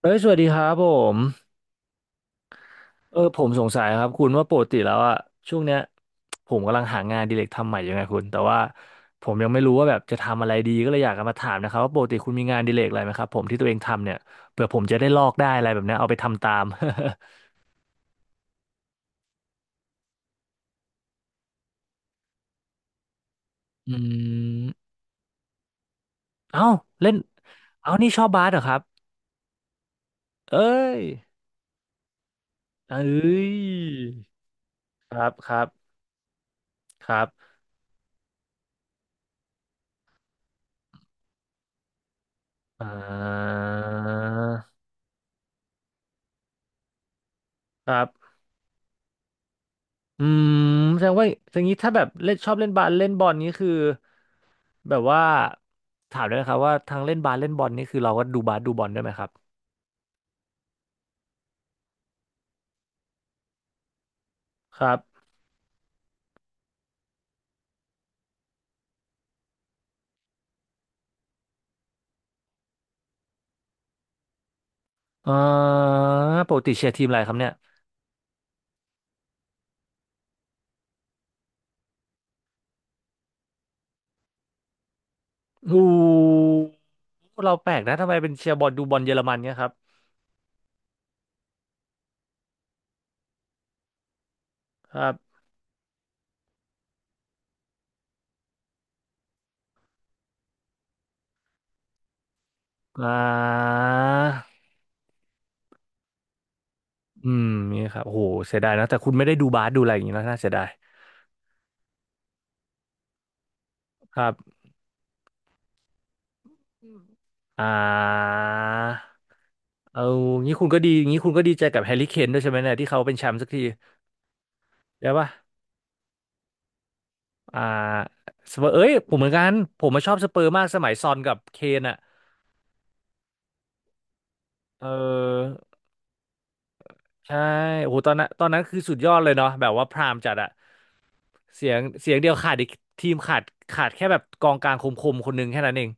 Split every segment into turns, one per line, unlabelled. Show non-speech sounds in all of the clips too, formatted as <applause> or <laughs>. เอ้ยสวัสดีครับผมผมสงสัยครับคุณว่าปกติแล้วอะช่วงเนี้ยผมกำลังหางานอดิเรกทำใหม่อยู่ไงคุณแต่ว่าผมยังไม่รู้ว่าแบบจะทำอะไรดีก็เลยอยากจะมาถามนะครับว่าปกติคุณมีงานอดิเรกอะไรไหมครับผมที่ตัวเองทำเนี่ยเผื่อผมจะได้ลอกได้อะไรแบบเนี้ยเอาไปทำตาม <laughs> อืมเอ้าเล่นเอ้านี่ชอบบาสเหรอครับเอ้ยเอ้ยครับครับครับอ่าครับ อืมแสดงว่าอย่างนี้ถ้าแบบเล่นชอบเล่นบาสเล่นบอลนี้คือแบบว่าถามด้วยนะครับว่าทางเล่นบาสเล่นบอลนี่คือเราก็ดูบาสดูบอลด้วยไหมครับครับอ่าปกติเชียร์ทีมอะไรครับเนี่ยอูเราแปลกนะทำไมเป็นเชียร์บอลดูบอลเยอรมันเนี่ยครับครับอ่าอืมนี่ครับโอ้โหเสียดายนะแต่คุณไม่ได้ดูบาสดูอะไรอย่างนี้นะน่าเสียดายครับอ่า เอางี้คุณก็ดีงี้คุณก็ดีใจกับแฮร์รี่เคนด้วยใช่ไหมเนี่ยที่เขาเป็นแชมป์สักทีได้ปะอ่าสเปอร์เอ้ยผมเหมือนกันผมมาชอบสเปอร์มากสมัยซอนกับเคนอ่ะเออใช่โอ้โหตอนนั้นคือสุดยอดเลยเนาะแบบว่าพรามจัดอะเสียงเดียวขาดอีกทีมขาดแค่แบบกองกลางคมๆคนหนึงแค่นั้นเอง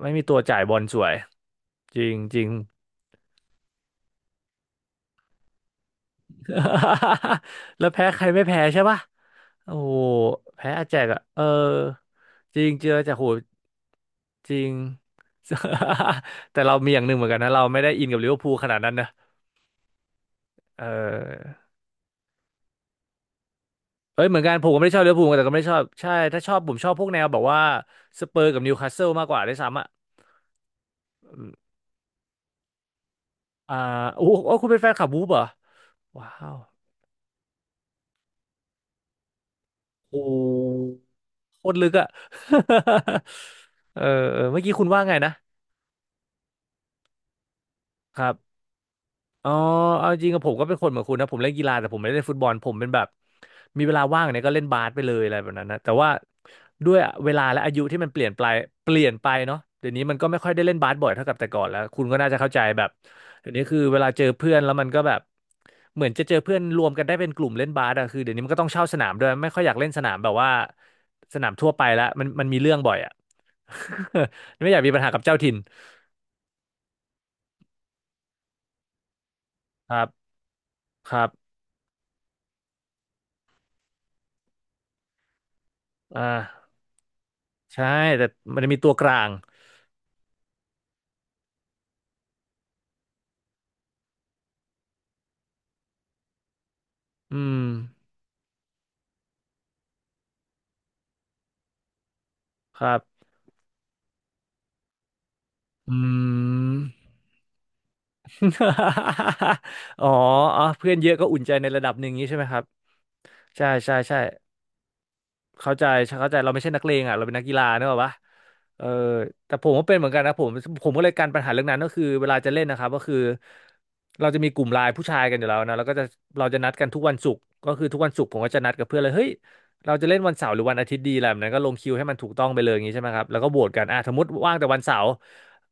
ไม่มีตัวจ่ายบอลสวยจริงจริง <laughs> แล้วแพ้ใครไม่แพ้ใช่ปะโอ้โห แพ้อาแจกอ่ะเออ จริงเจออาแจากโหจริง <laughs> แต่เรามีอย่างหนึ่งเหมือนกันนะเราไม่ได้อินกับลิเวอร์พูลขนาดนั้นนะเออเอ้ยเหมือนกันผมก็ไม่ได้ชอบลิเวอร์พูลแต่ก็ไม่ได้ชอบใช่ถ้าชอบผมชอบพวกแนวแบบว่าสเปอร์กับนิวคาสเซิลมากกว่าด้วยซ้ำอ่ะอืมอ่าโอ้โหโอ้คุณเป็นแฟนคลับวูฟเหรอว้าว โอ้โหโคตรลึกอ่ะ <laughs> เออเมื่อกี้คุณว่าไงนะครับ อ๋อเอาจริงกับผมก็เป็นคนเหมือนคุณนะผมเล่นกีฬาแต่ผมไม่ได้เล่นฟุตบอลผมเป็นแบบมีเวลาว่างเนี่ยก็เล่นบาสไปเลยอะไรแบบนั้นนะแต่ว่าด้วยเวลาและอายุที่มันเปลี่ยนไปเนาะเดี๋ยวนี้มันก็ไม่ค่อยได้เล่นบาสบ่อยเท่ากับแต่ก่อนแล้วคุณก็น่าจะเข้าใจแบบเดี๋ยวนี้คือเวลาเจอเพื่อนแล้วมันก็แบบเหมือนจะเจอเพื่อนรวมกันได้เป็นกลุ่มเล่นบาสอะคือเดี๋ยวนี้มันก็ต้องเช่าสนามด้วยไม่ค่อยอยากเล่นสนามแบบว่าสนามทั่วไปละมันมีเรื่องบ่อยอะ <laughs> ไม่อยากมีปัญหากับเจ้าถิ่นครับครับอ่า ใช่แต่มันจะมีตัวกลาง อืม ครับ อืม <laughs> อ๋ออ๋อ เพื่อนเยอะก็อุ่นใจในระดับหนึ่งนี้ใช่ไหมครับ ใช่ใช่ใช่ เข้าใจเข้าใจเราไม่ใช่นักเลงอ่ะเราเป็นนักกีฬาเนกอะปะเออแต่ผมก็เป็นเหมือนกันนะผมก็เลยการปัญหาเรื่องนั้นก็คือเวลาจะเล่นนะครับก็คือเราจะมีกลุ่มไลน์ผู้ชายกันอยู่แล้วนะแล้วก็จะเราจะนัดกันทุกวันศุกร์ก็คือทุกวันศุกร์ผมก็จะนัดกับเพื่อนเลยเฮ้ยเราจะเล่นวันเสาร์หรือวันอาทิตย์ดีอะไรแบบนั้นก็ลงคิวให้มันถูกต้องไปเลยอย่างนี้ใช่ไหมครับแล้วก็โหวตกันอ่ะสมมติว่างแต่วันเสาร์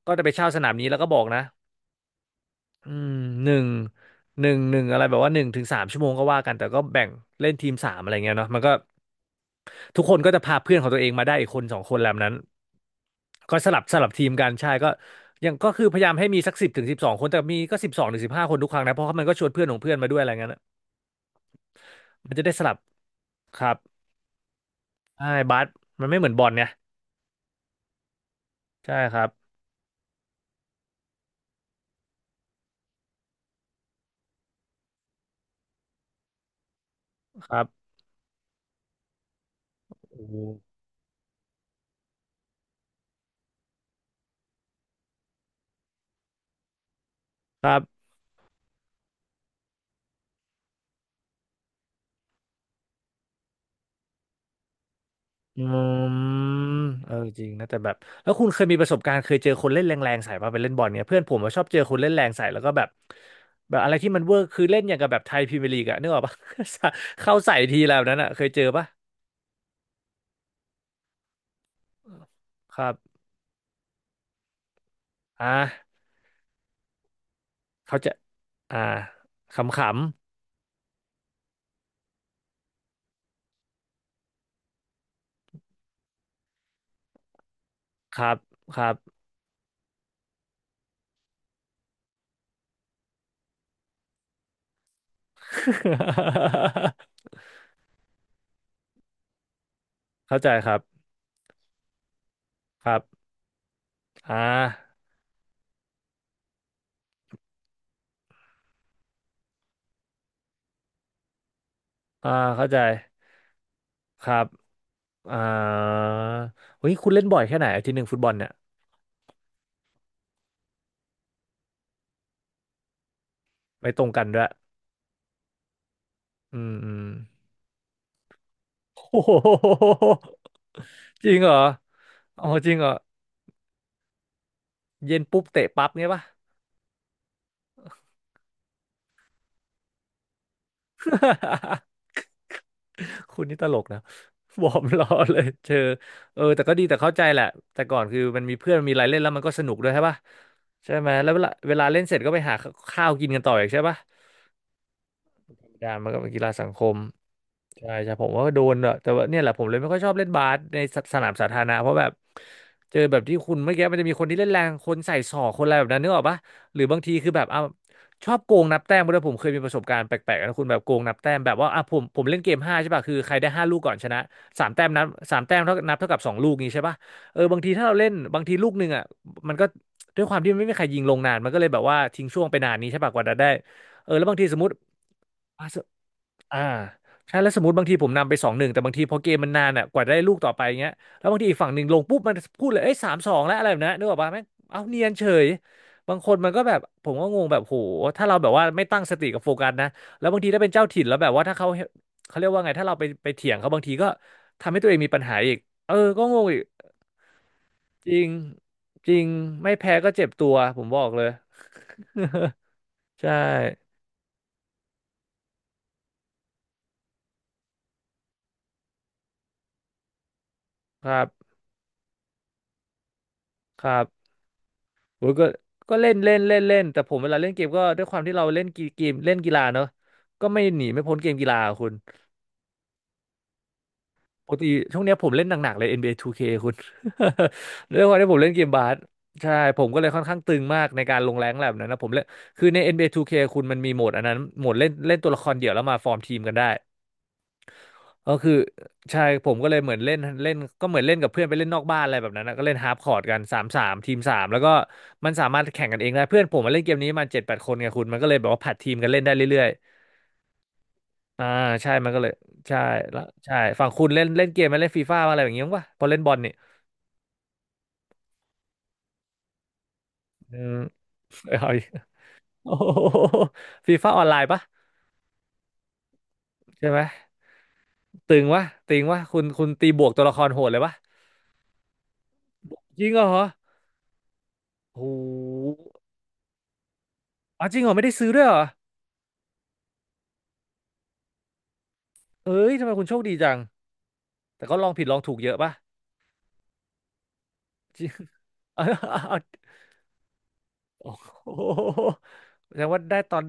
ก็จะไปเช่าสนามนี้แล้วก็บอกนะอืมหนึ่งหนึ่งอะไรแบบว่า1 ถึง 3 ชั่วโมงก็ว่ากันแต่ก็แบ่งเล่นทีมสามอะไรเงี้ยเนาะมันก็ ทุกคนก็จะพาเพื่อนของตัวเองมาได้อีกคนสองคนแหล้วนั้นก็สลับทีมกันใช่ก็ยังก็คือพยายามให้มีสัก10 ถึง 12 คนแต่มีก็12 ถึง 15 คนทุกครั้งนะเพราะว่ามันก็ชวนเพื่อนของเพื่อนมาด้วยอะไรเงี้ยนะมันจะได้สลับครับใช่บาสมันไม่เหมือนบอลเนี่ยใช่ครับครับโอ้โหครับ อืมเออจริงนะแต่แบบแล้วคุณเคยมีประสบการณ์เคยเจอคนเล่นแรงๆใส่ป่ะไปเล่นบอลเนี่ยเพื่อนผมอะชอบเจอคนเล่นแรงใส่แล้วก็แบบแบบอะไรที่มันเวอร์คือเล่นอย่างกับแบบไทยพรีเมียร์ลีกอะนึกออกปะ <laughs> เข้าใส่ทีแล้วนั้นอะเคยเจอป่ะครับอ่าเขาจะอ่าขำๆครับครับ <laughs> เข้าใจครับครับอ่าอ่าเข้าใจครับอ่าเฮ้ยคุณเล่นบ่อยแค่ไหนอาทิตย์หนึ่งฟุตบอลเนี่ยไปตรงกันด้วยอืมอืม <laughs> โอ้โหจริงเหรออ๋อจริงเหรอเย็นปุ๊บเตะปั๊บเงี้ยปะ <laughs> คุณนี่ตลกนะ <laughs> วอร์มล้อเลยเชอเออแต่ก็ดีแต่เข้าใจแหละแต่ก่อนคือมันมีเพื่อนมีอะไรเล่นแล้วมันก็สนุกด้วยใช่ปะใช่ไหมแล้วเวลาเล่นเสร็จก็ไปหาข้าวกินกันต่ออีกใช่ปะการมันก็เป็นกีฬาสังคม ใช่ใช่ผมว่าโดนอะแต่ว่าเนี่ยแหละผมเลยไม่ค่อยชอบเล่นบาสในสสนามสาธารณะเพราะแบบเจอแบบที่คุณเมื่อกี้มันจะมีคนที่เล่นแรงคนใส่ศอกคนอะไรแบบนั้นนึกออกปะหรือบางทีคือแบบเอาชอบโกงนับแต้มด้วยผมเคยมีประสบการณ์แปลกๆนะคุณแบบโกงนับแต้มแบบว่าอ่ะผมเล่นเกมห้าใช่ป่ะคือใครได้ห้าลูกก่อนชนะสามแต้มนับสามแต้มเท่านับเท่ากับสองลูกนี้ใช่ป่ะเออบางทีถ้าเราเล่นบางทีลูกหนึ่งอ่ะมันก็ด้วยความที่มันไม่มีใครยิงลงนานมันก็เลยแบบว่าทิ้งช่วงไปนานนี้ใช่ป่ะกว่าจะได้เออแล้วบางทีสมมติ อ่าใช่แล้วสมมติบางทีผมนำไปสองหนึ่งแต่บางทีพอเกมมันนานอ่ะกว่าจะได้ลูกต่อไปเงี้ยแล้วบางทีอีกฝั่งหนึ่งลงปุ๊บมันพูดเลยเอ้ยสามสองแล้วอะไรแบบนั้นนึกออกปะแม่งเอาเนียนเฉยบางคนมันก็แบบผมก็งงแบบโหถ้าเราแบบว่าไม่ตั้งสติกับโฟกัสนะแล้วบางทีถ้าเป็นเจ้าถิ่นแล้วแบบว่าถ้าเขาเขาเรียกว่าไงถ้าเราไปเถียงเขาบางทีก็ทำให้ตัวเองมีปัญหาอีกเออก็งงอีกจริงจริงไม่แพ้ก็เจ็บตัวผมบอกเลย <laughs> ใช่ครับครับ โอ้ยก็ก็เล่นเล่นเล่นเล่นแต่ผมเวลาเล่นเกมก็ด้วยความที่เราเล่นกีเกมเล่นกีฬาเนอะก็ไม่หนีไม่พ้นเกมกีฬาอะคุณปกติช่วงเนี้ยผมเล่นหนักๆเลย NBA 2K คคุณ <laughs> ด้วยความที่ผมเล่นเกมบาสใช่ผมก็เลยค่อนข้างตึงมากในการลงแรงแบบนั้นนะผมเล่นคือใน NBA 2K คคุณมันมีโหมดอันนั้นโหมดเล่นเล่นตัวละครเดี่ยวแล้วมาฟอร์มทีมกันได้ ก็คือใช่ผมก็เลยเหมือนเล่นเล่นก็เหมือนเล่นกับเพื่อนไปเล่นนอกบ้านอะไรแบบนั้นนะก็เล่นฮาร์ปคอร์ดกันสามทีมสามแล้วก็มันสามารถแข่งกันเองได้เพื่อนผมมาเล่นเกมนี้มาเจ็ดแปดคนไงคุณมันก็เลยแบบว่าผัดทีมกันเล่นได้เรื่อยๆใช่มันก็เลยใช่แล้วใช่ฝั่งคุณเล่นเล่นเกมมาเล่นฟีฟ่าอะไรอย่างเงี้ยป่ะพอเล่นบอลนี่อืม <laughs> เอาอีก <laughs> โอ้ฟีฟ่าออนไลน์ปะใช่ไหมตึงวะตึงวะคุณตีบวกตัวละครโหดเลยปะจริงเหรอโอ้โหอ๋อจริงเหรอไม่ได้ซื้อด้วยเหรอเอ้ยทำไมคุณโชคดีจัง แต่ก็ลองผิดลองถูกเยอะป่ะจริง <laughs> เอาเอาโอ้โหแสดงว่าได้ตอน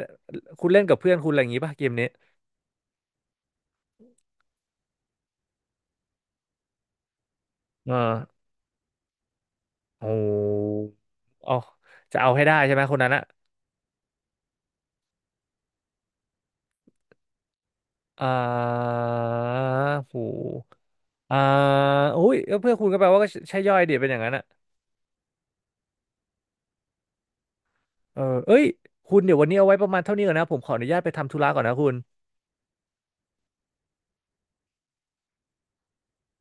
คุณเล่นกับเพื่อนคุณอะไรอย่างงี้ป่ะเกมนี้เออโอ้โหเอาจะเอาให้ได้ใช่ไหมคนนั้นอะอ่าโหอ่าอุ้ยเพื่อนคุณก็แปลว่าก็ใช่ย่อยเดี๋ยวเป็นอย่างนั้นอะเออเอ้ยคุณเดี๋ยววันนี้เอาไว้ประมาณเท่านี้ก่อนนะผมขออนุญาตไปทำธุระก่อนนะคุณ